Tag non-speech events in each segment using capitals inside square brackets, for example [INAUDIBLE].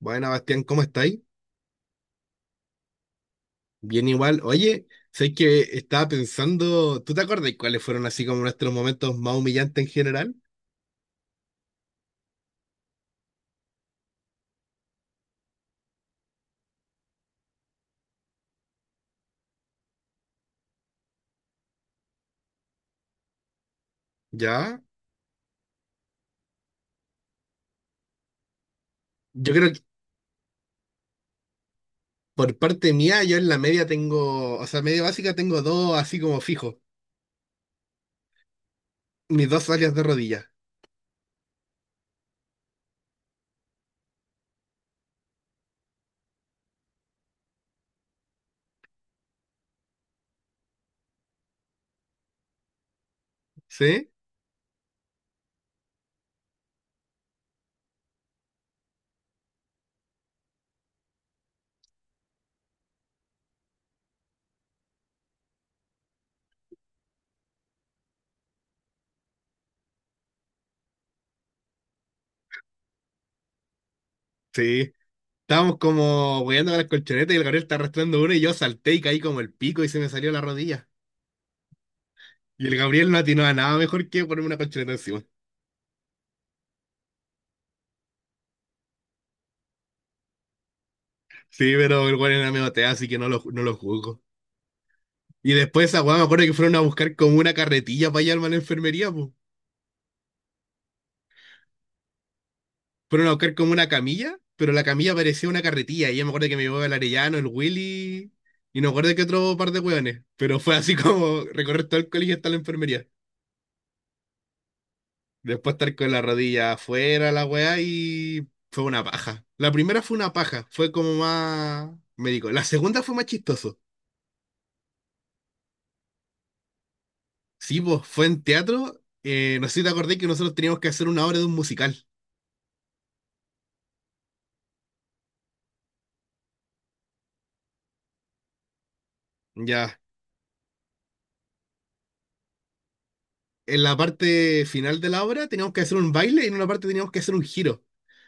Bueno, Bastián, ¿cómo estáis? Bien igual. Oye, sé que estaba pensando, ¿tú te acordás cuáles fueron así como nuestros momentos más humillantes en general? ¿Ya? Yo creo que por parte mía, yo en la media tengo, o sea, media básica tengo dos así como fijos, mis dos alias de rodilla. ¿Sí? Sí. Estábamos como hueando con las colchonetas y el Gabriel está arrastrando uno y yo salté y caí como el pico y se me salió la rodilla. Y el Gabriel no atinó a nada mejor que ponerme una colchoneta encima. Sí, pero el güey era medio tea, así que no lo juzgo. Y después esa weá me acuerdo que fueron a buscar como una carretilla para llevarme a la enfermería, pues. Fueron a buscar como una camilla, pero la camilla parecía una carretilla. Y yo me acuerdo que me llevó el Arellano, el Willy, y no me acuerdo que otro par de weones. Pero fue así [LAUGHS] como recorrer todo el colegio hasta la enfermería. Después estar con la rodilla afuera, la weá, y fue una paja. La primera fue una paja, fue como más médico. La segunda fue más chistoso. Sí, pues fue en teatro. No sé si te acordé que nosotros teníamos que hacer una obra de un musical. Ya, en la parte final de la obra teníamos que hacer un baile y en una parte teníamos que hacer un giro.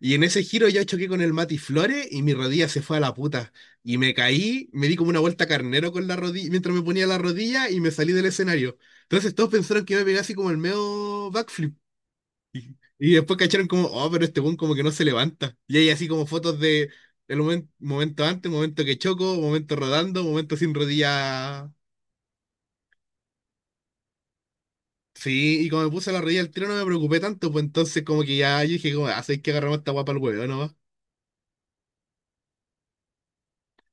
Y en ese giro yo choqué con el Mati Flores y mi rodilla se fue a la puta. Y me caí, me di como una vuelta carnero con la rodilla mientras me ponía la rodilla y me salí del escenario. Entonces todos pensaron que iba a pegar así como el medio backflip. [LAUGHS] Y después cacharon como, oh, pero este buen como que no se levanta. Y hay así como fotos de el momento antes, momento que choco, momento rodando, momento sin rodilla. Sí, y como me puse la rodilla al tiro no me preocupé tanto, pues entonces como que ya yo dije, como, "Ah, ¿sabes qué? Agarramos esta guapa al huevo, ¿no?".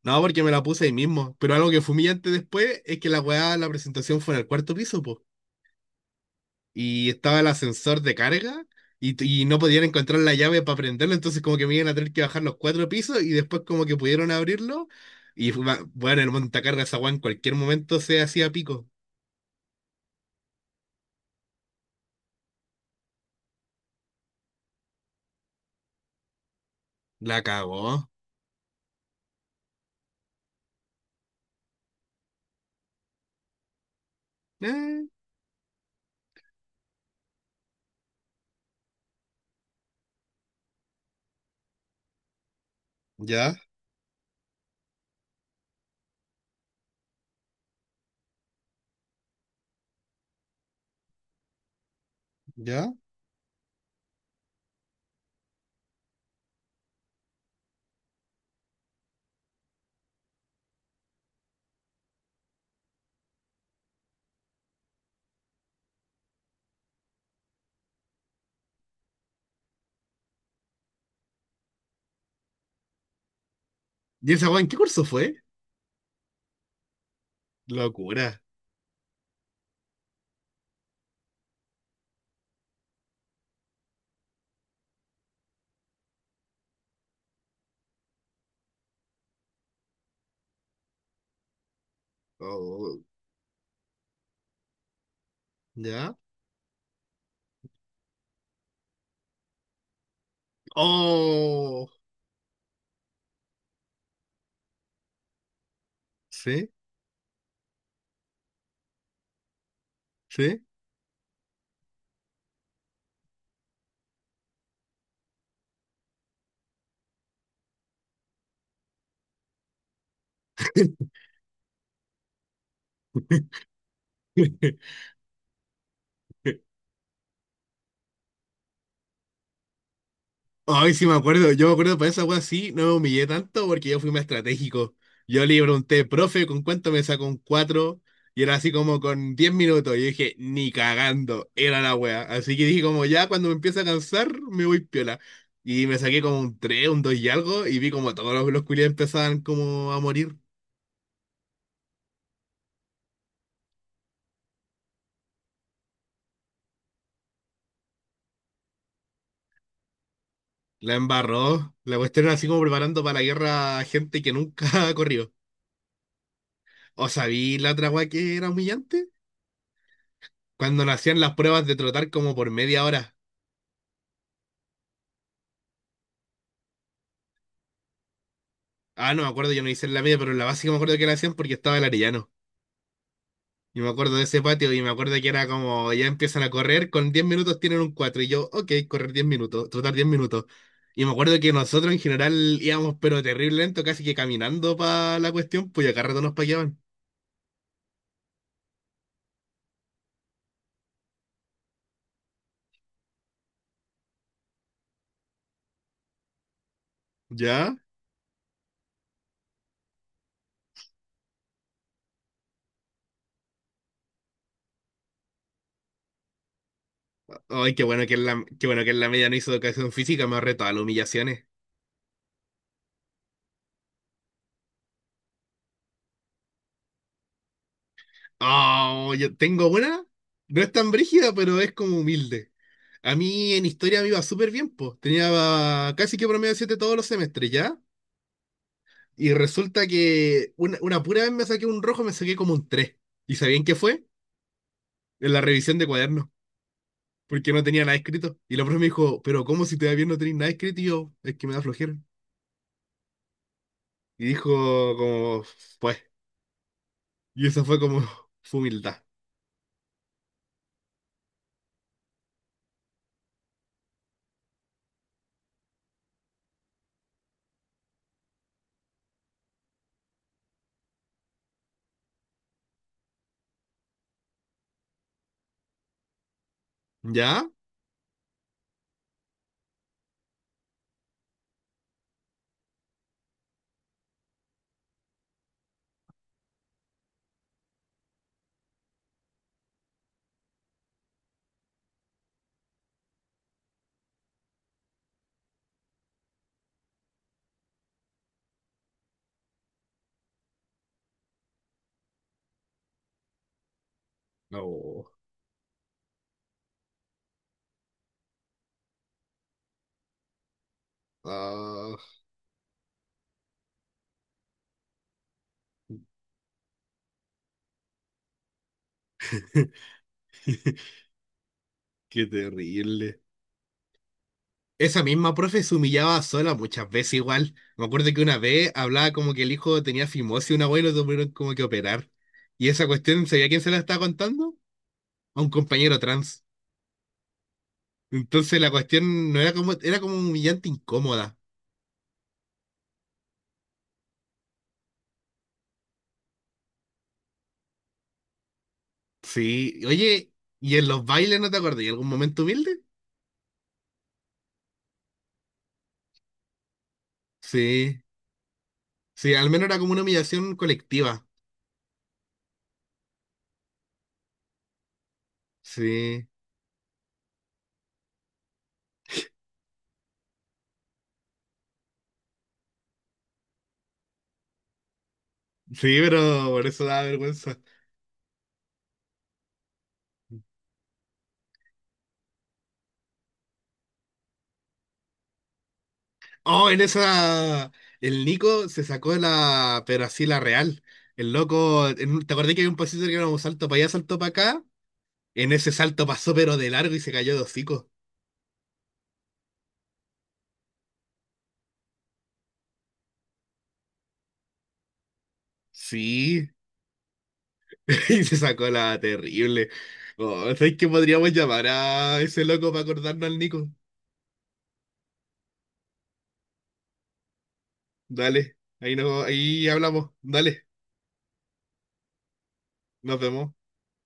No, porque me la puse ahí mismo. Pero algo que fue humillante después es que la weá, la presentación fue en el cuarto piso, pues. Y estaba el ascensor de carga y no podían encontrar la llave para prenderlo, entonces como que me iban a tener que bajar los 4 pisos y después como que pudieron abrirlo. Y bueno, el montacargas esa weá en cualquier momento se hacía pico. La cagó. Eh, ya, ya. ¿Y esa weá en qué curso fue? Locura. Oh. ¿Ya? ¡Oh! ¿Sí? ¿Sí? [LAUGHS] Ay, sí me acuerdo. Yo me acuerdo para esa wea sí, no me humillé tanto porque yo fui más estratégico. Yo le pregunté, profe, ¿con cuánto me sacó un 4? Y era así como con 10 minutos. Y yo dije, ni cagando, era la wea. Así que dije como ya cuando me empieza a cansar, me voy piola. Y me saqué como un 3 un 2 y algo, y vi como todos los culiados empezaban como a morir. La embarró. La cuestión era así como preparando para la guerra a gente que nunca [LAUGHS] corrió. ¿O sabí la otra weá que era humillante? Cuando nos hacían las pruebas de trotar como por media hora. Ah, no me acuerdo, yo no hice en la media, pero en la básica me acuerdo que la hacían porque estaba el Arellano. Y me acuerdo de ese patio y me acuerdo que era como ya empiezan a correr, con 10 minutos tienen un cuatro. Y yo, ok, correr 10 minutos, trotar 10 minutos. Y me acuerdo que nosotros en general íbamos pero terrible lento, casi que caminando para la cuestión, pues ya cada rato nos paqueaban. ¿Ya? Ay, qué bueno que en la media no hizo educación física, me ahorré todas las humillaciones. Oh, yo tengo una. No es tan brígida, pero es como humilde. A mí en historia me iba súper bien, pues. Tenía casi que promedio 7 todos los semestres, ¿ya? Y resulta que una pura vez me saqué un rojo, me saqué como un 3. ¿Y sabían qué fue? En la revisión de cuadernos, porque no tenía nada escrito. Y la profe me dijo, pero ¿cómo si te va bien no tenés nada escrito? Y yo, es que me da flojera. Y dijo, como, pues. Y eso fue como [LAUGHS] su humildad. ¿Ya? No. Ah, [LAUGHS] qué terrible. Esa misma profe se humillaba sola muchas veces igual. Me acuerdo que una vez hablaba como que el hijo tenía fimosis y una abuela lo tuvieron como que operar. Y esa cuestión, ¿sabía quién se la estaba contando? A un compañero trans. Entonces la cuestión no era como, era como humillante incómoda. Sí, oye, ¿y en los bailes no te acordás? ¿Y algún momento humilde? Sí, sí, al menos era como una humillación colectiva. Sí, sí, pero por eso da vergüenza. Oh, en esa. El Nico se sacó la. Pero así la real. El loco. ¿Te acordás que había un pasito que era un salto para allá, salto para acá? En ese salto pasó, pero de largo y se cayó de hocico. Sí, [LAUGHS] y se sacó la terrible. Oh, ¿sabes qué podríamos llamar a ese loco para acordarnos al Nico? Dale. Ahí, no, ahí hablamos. Dale. Nos vemos.